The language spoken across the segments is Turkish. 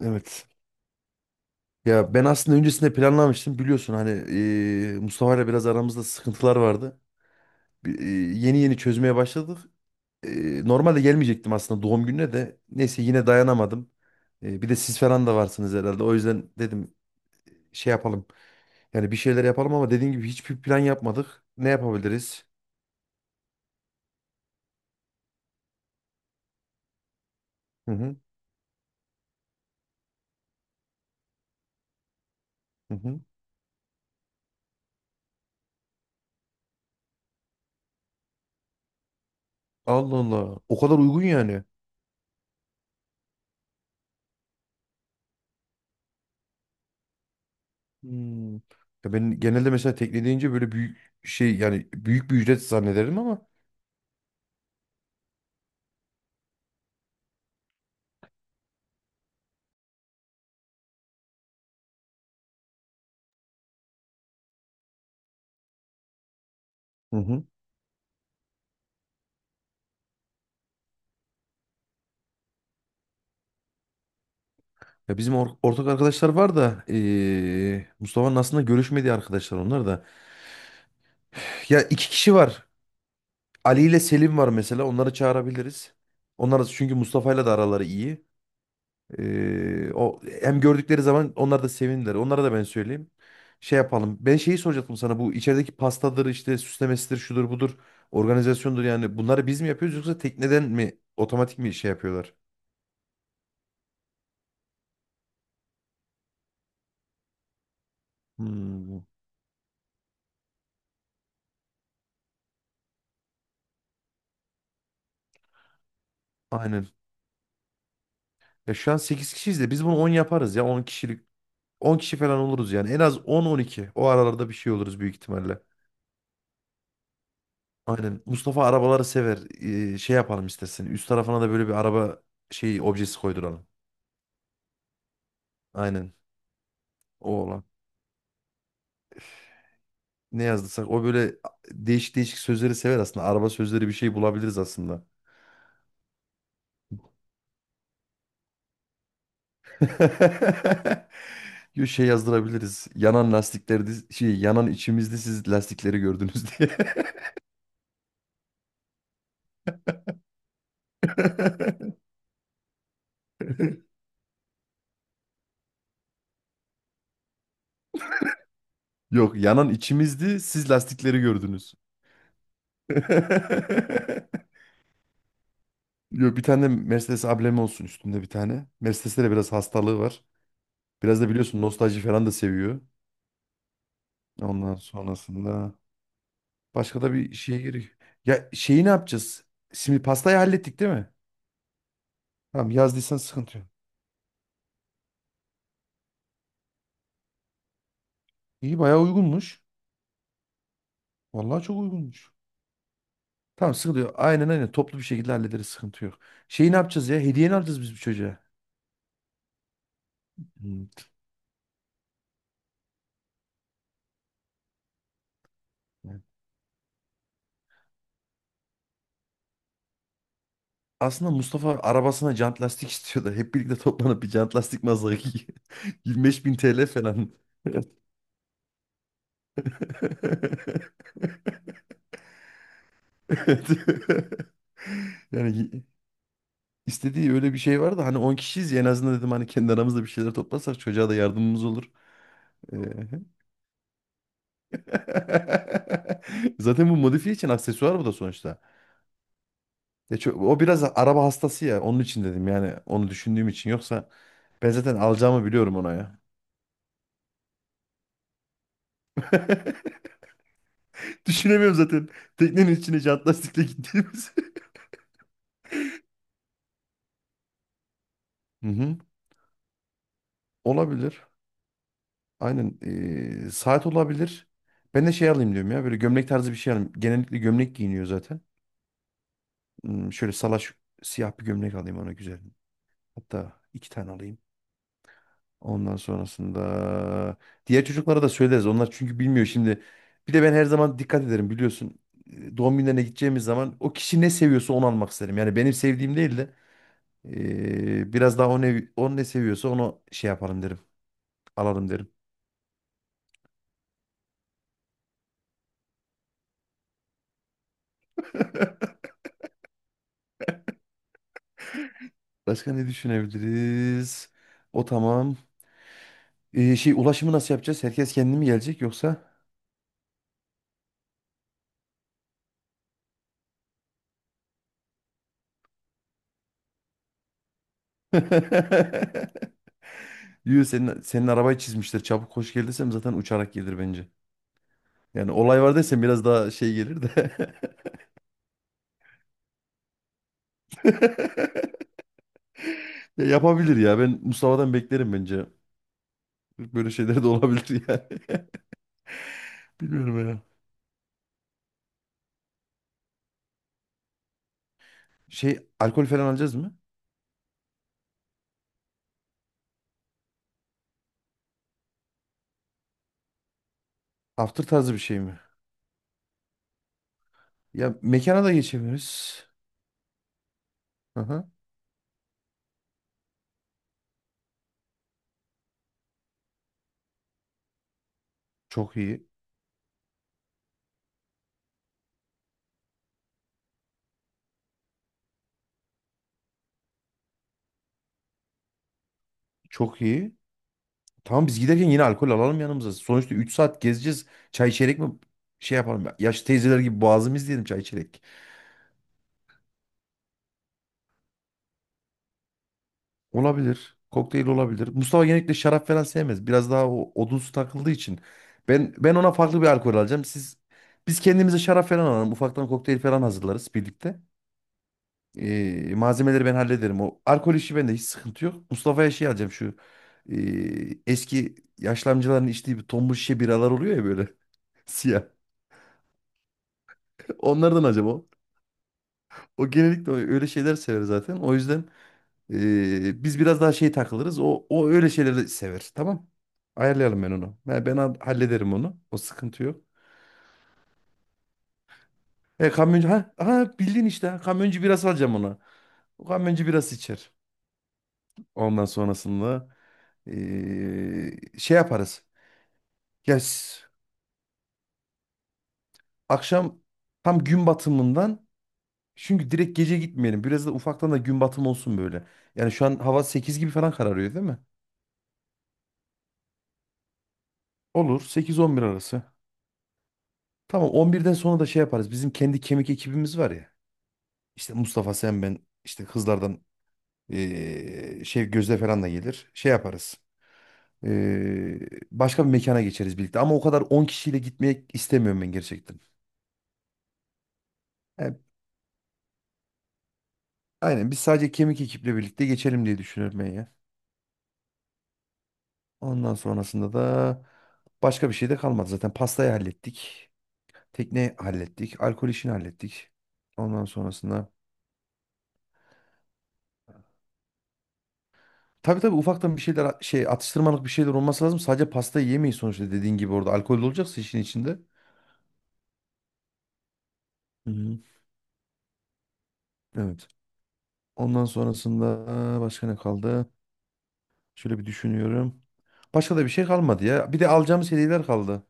Evet. Ya ben aslında öncesinde planlamıştım. Biliyorsun hani Mustafa ile biraz aramızda sıkıntılar vardı. Bir- e, yeni yeni çözmeye başladık. Normalde gelmeyecektim aslında doğum gününe de. Neyse yine dayanamadım. Bir de siz falan da varsınız herhalde. O yüzden dedim şey yapalım. Yani bir şeyler yapalım ama dediğim gibi hiçbir plan yapmadık. Ne yapabiliriz? Hı hı. Hı hı. Allah Allah. O kadar uygun yani. Hmm. Ya ben genelde mesela tekne deyince böyle büyük şey yani büyük bir ücret zannederim ama. Hı hı. Ya bizim ortak arkadaşlar var da Mustafa'nın aslında görüşmediği arkadaşlar onlar da. Ya iki kişi var. Ali ile Selim var mesela. Onları çağırabiliriz. Çünkü Mustafa'yla da araları iyi. O hem gördükleri zaman onlar da sevinirler. Onlara da ben söyleyeyim. Şey yapalım. Ben şeyi soracaktım sana. Bu içerideki pastadır işte süslemesidir şudur budur. Organizasyondur yani. Bunları biz mi yapıyoruz yoksa tekneden mi otomatik mi şey yapıyorlar? Hmm, aynen. Ya şu an 8 kişiyiz de biz bunu 10 yaparız ya 10 kişilik 10 kişi falan oluruz yani. En az 10-12. O aralarda bir şey oluruz büyük ihtimalle. Aynen. Mustafa arabaları sever. Şey yapalım istersen. Üst tarafına da böyle bir araba şey objesi koyduralım. Aynen. O olan. Ne yazdıysak o böyle değişik değişik sözleri sever aslında. Araba sözleri bir şey bulabiliriz aslında. Yo, şey yazdırabiliriz. Yanan lastiklerde şey yanan içimizde siz lastikleri gördünüz diye. Yok yanan içimizdi siz lastikleri gördünüz. Yo, bir tane Mercedes ablemi olsun üstünde bir tane. Mercedes'te de biraz hastalığı var. Biraz da biliyorsun nostalji falan da seviyor. Ondan sonrasında başka da bir şeye gerek. Ya şeyi ne yapacağız? Şimdi pastayı hallettik değil mi? Tamam yazdıysan sıkıntı yok. İyi bayağı uygunmuş. Vallahi çok uygunmuş. Tamam sıkıntı yok. Aynen aynen toplu bir şekilde hallederiz sıkıntı yok. Şeyi ne yapacağız ya? Hediye ne alacağız biz bu çocuğa? Hmm. Aslında Mustafa arabasına jant lastik istiyordu. Hep birlikte toplanıp bir jant lastik mazası 25 bin TL falan. Evet. Yani istediği öyle bir şey vardı. Hani 10 kişiyiz ya en azından dedim hani kendi aramızda bir şeyler toplasak çocuğa da yardımımız olur. Ee, Zaten bu modifiye için aksesuar bu da sonuçta. Ya o biraz araba hastası ya. Onun için dedim yani onu düşündüğüm için. Yoksa ben zaten alacağımı biliyorum ona ya. Düşünemiyorum zaten. Teknenin içine jant lastikle gittiğimiz. Hı hı. Olabilir. Aynen. Saat olabilir. Ben de şey alayım diyorum ya. Böyle gömlek tarzı bir şey alayım. Genellikle gömlek giyiniyor zaten. Şöyle salaş siyah bir gömlek alayım ona güzel. Hatta iki tane alayım. Ondan sonrasında diğer çocuklara da söyleriz. Onlar çünkü bilmiyor şimdi. Bir de ben her zaman dikkat ederim biliyorsun. Doğum günlerine gideceğimiz zaman o kişi ne seviyorsa onu almak isterim. Yani benim sevdiğim değil de biraz daha o ne seviyorsa onu şey yapalım derim. Alalım derim. Başka ne düşünebiliriz? O tamam. Şey ulaşımı nasıl yapacağız? Herkes kendi mi gelecek yoksa? Yürü senin arabayı çizmişler. Çabuk koş gel desem zaten uçarak gelir bence. Yani olay var desem biraz daha şey gelir de. Ya yapabilir ya. Ben Mustafa'dan beklerim bence. Böyle şeyler de olabilir yani. Bilmiyorum ya. Şey alkol falan alacağız mı? After tarzı bir şey mi? Ya mekana da geçebiliriz. Aha. Çok iyi. Çok iyi. Tamam biz giderken yine alkol alalım yanımıza. Sonuçta 3 saat gezeceğiz. Çay içerek mi şey yapalım ya? Yaşlı teyzeler gibi boğazımız diyelim çay içerek. Olabilir. Kokteyl olabilir. Mustafa genellikle şarap falan sevmez. Biraz daha o odunsu takıldığı için. Ben ona farklı bir alkol alacağım. Biz kendimize şarap falan alalım. Ufaktan kokteyl falan hazırlarız birlikte. Malzemeleri ben hallederim. O alkol işi bende hiç sıkıntı yok. Mustafa'ya şey alacağım şu eski yaşlı amcaların içtiği bir tombul şişe biralar oluyor ya böyle siyah. Onlardan acaba? O genellikle öyle şeyler sever zaten. O yüzden biz biraz daha şey takılırız. O öyle şeyleri sever. Tamam. Ayarlayalım ben onu. Ben hallederim onu. O sıkıntı yok. Kamyoncu ha, ha bildin işte. Ha, kamyoncu biraz alacağım ona. O kamyoncu biraz içer. Ondan sonrasında şey yaparız. Ya akşam tam gün batımından çünkü direkt gece gitmeyelim. Biraz da ufaktan da gün batımı olsun böyle. Yani şu an hava 8 gibi falan kararıyor değil mi? Olur. 8-11 arası. Tamam 11'den sonra da şey yaparız. Bizim kendi kemik ekibimiz var ya. İşte Mustafa sen ben işte kızlardan şey Gözde falan da gelir. Şey yaparız. Eee, başka bir mekana geçeriz birlikte. Ama o kadar 10 kişiyle gitmek istemiyorum ben gerçekten. Yani aynen biz sadece kemik ekiple birlikte geçelim diye düşünüyorum ben ya. Ondan sonrasında da başka bir şey de kalmadı. Zaten pastayı hallettik. Tekne hallettik. Alkol işini hallettik. Ondan sonrasında tabii tabii ufaktan bir şeyler şey atıştırmalık bir şeyler olması lazım. Sadece pastayı yemeyin sonuçta dediğin gibi orada alkol de olacaksa işin içinde. Hı hı. Evet. Ondan sonrasında başka ne kaldı? Şöyle bir düşünüyorum. Başka da bir şey kalmadı ya. Bir de alacağımız hediyeler kaldı.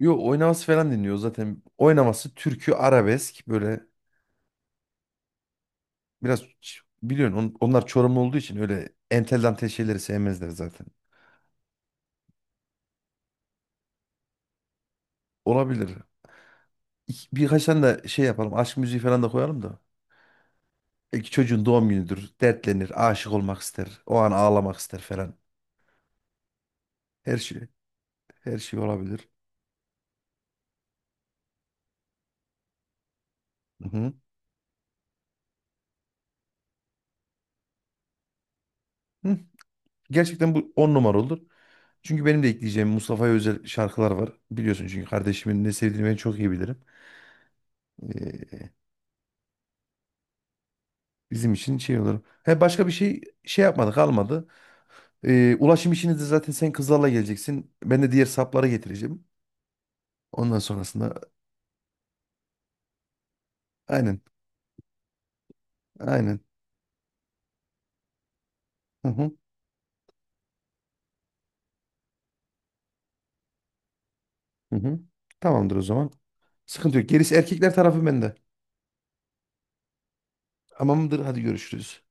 Yo, oynaması falan dinliyor zaten. Oynaması türkü arabesk böyle biraz biliyorsun onlar Çorumlu olduğu için öyle entel dantel şeyleri sevmezler zaten. Olabilir. Birkaç tane de şey yapalım. Aşk müziği falan da koyalım da. İki çocuğun doğum günüdür. Dertlenir, aşık olmak ister. O an ağlamak ister falan. Her şey, her şey olabilir. Hı hı. Hı. Gerçekten bu 10 numara olur. Çünkü benim de ekleyeceğim Mustafa'ya özel şarkılar var. Biliyorsun çünkü kardeşimin ne sevdiğini ben çok iyi bilirim. Ee, bizim için şey olur. He, başka bir şey şey yapmadık almadı. Ulaşım işini de zaten sen kızlarla geleceksin. Ben de diğer sapları getireceğim. Ondan sonrasında aynen aynen. Hı hı, hı hı. Tamamdır o zaman. Sıkıntı yok. Gerisi erkekler tarafı bende. Tamamdır hadi görüşürüz.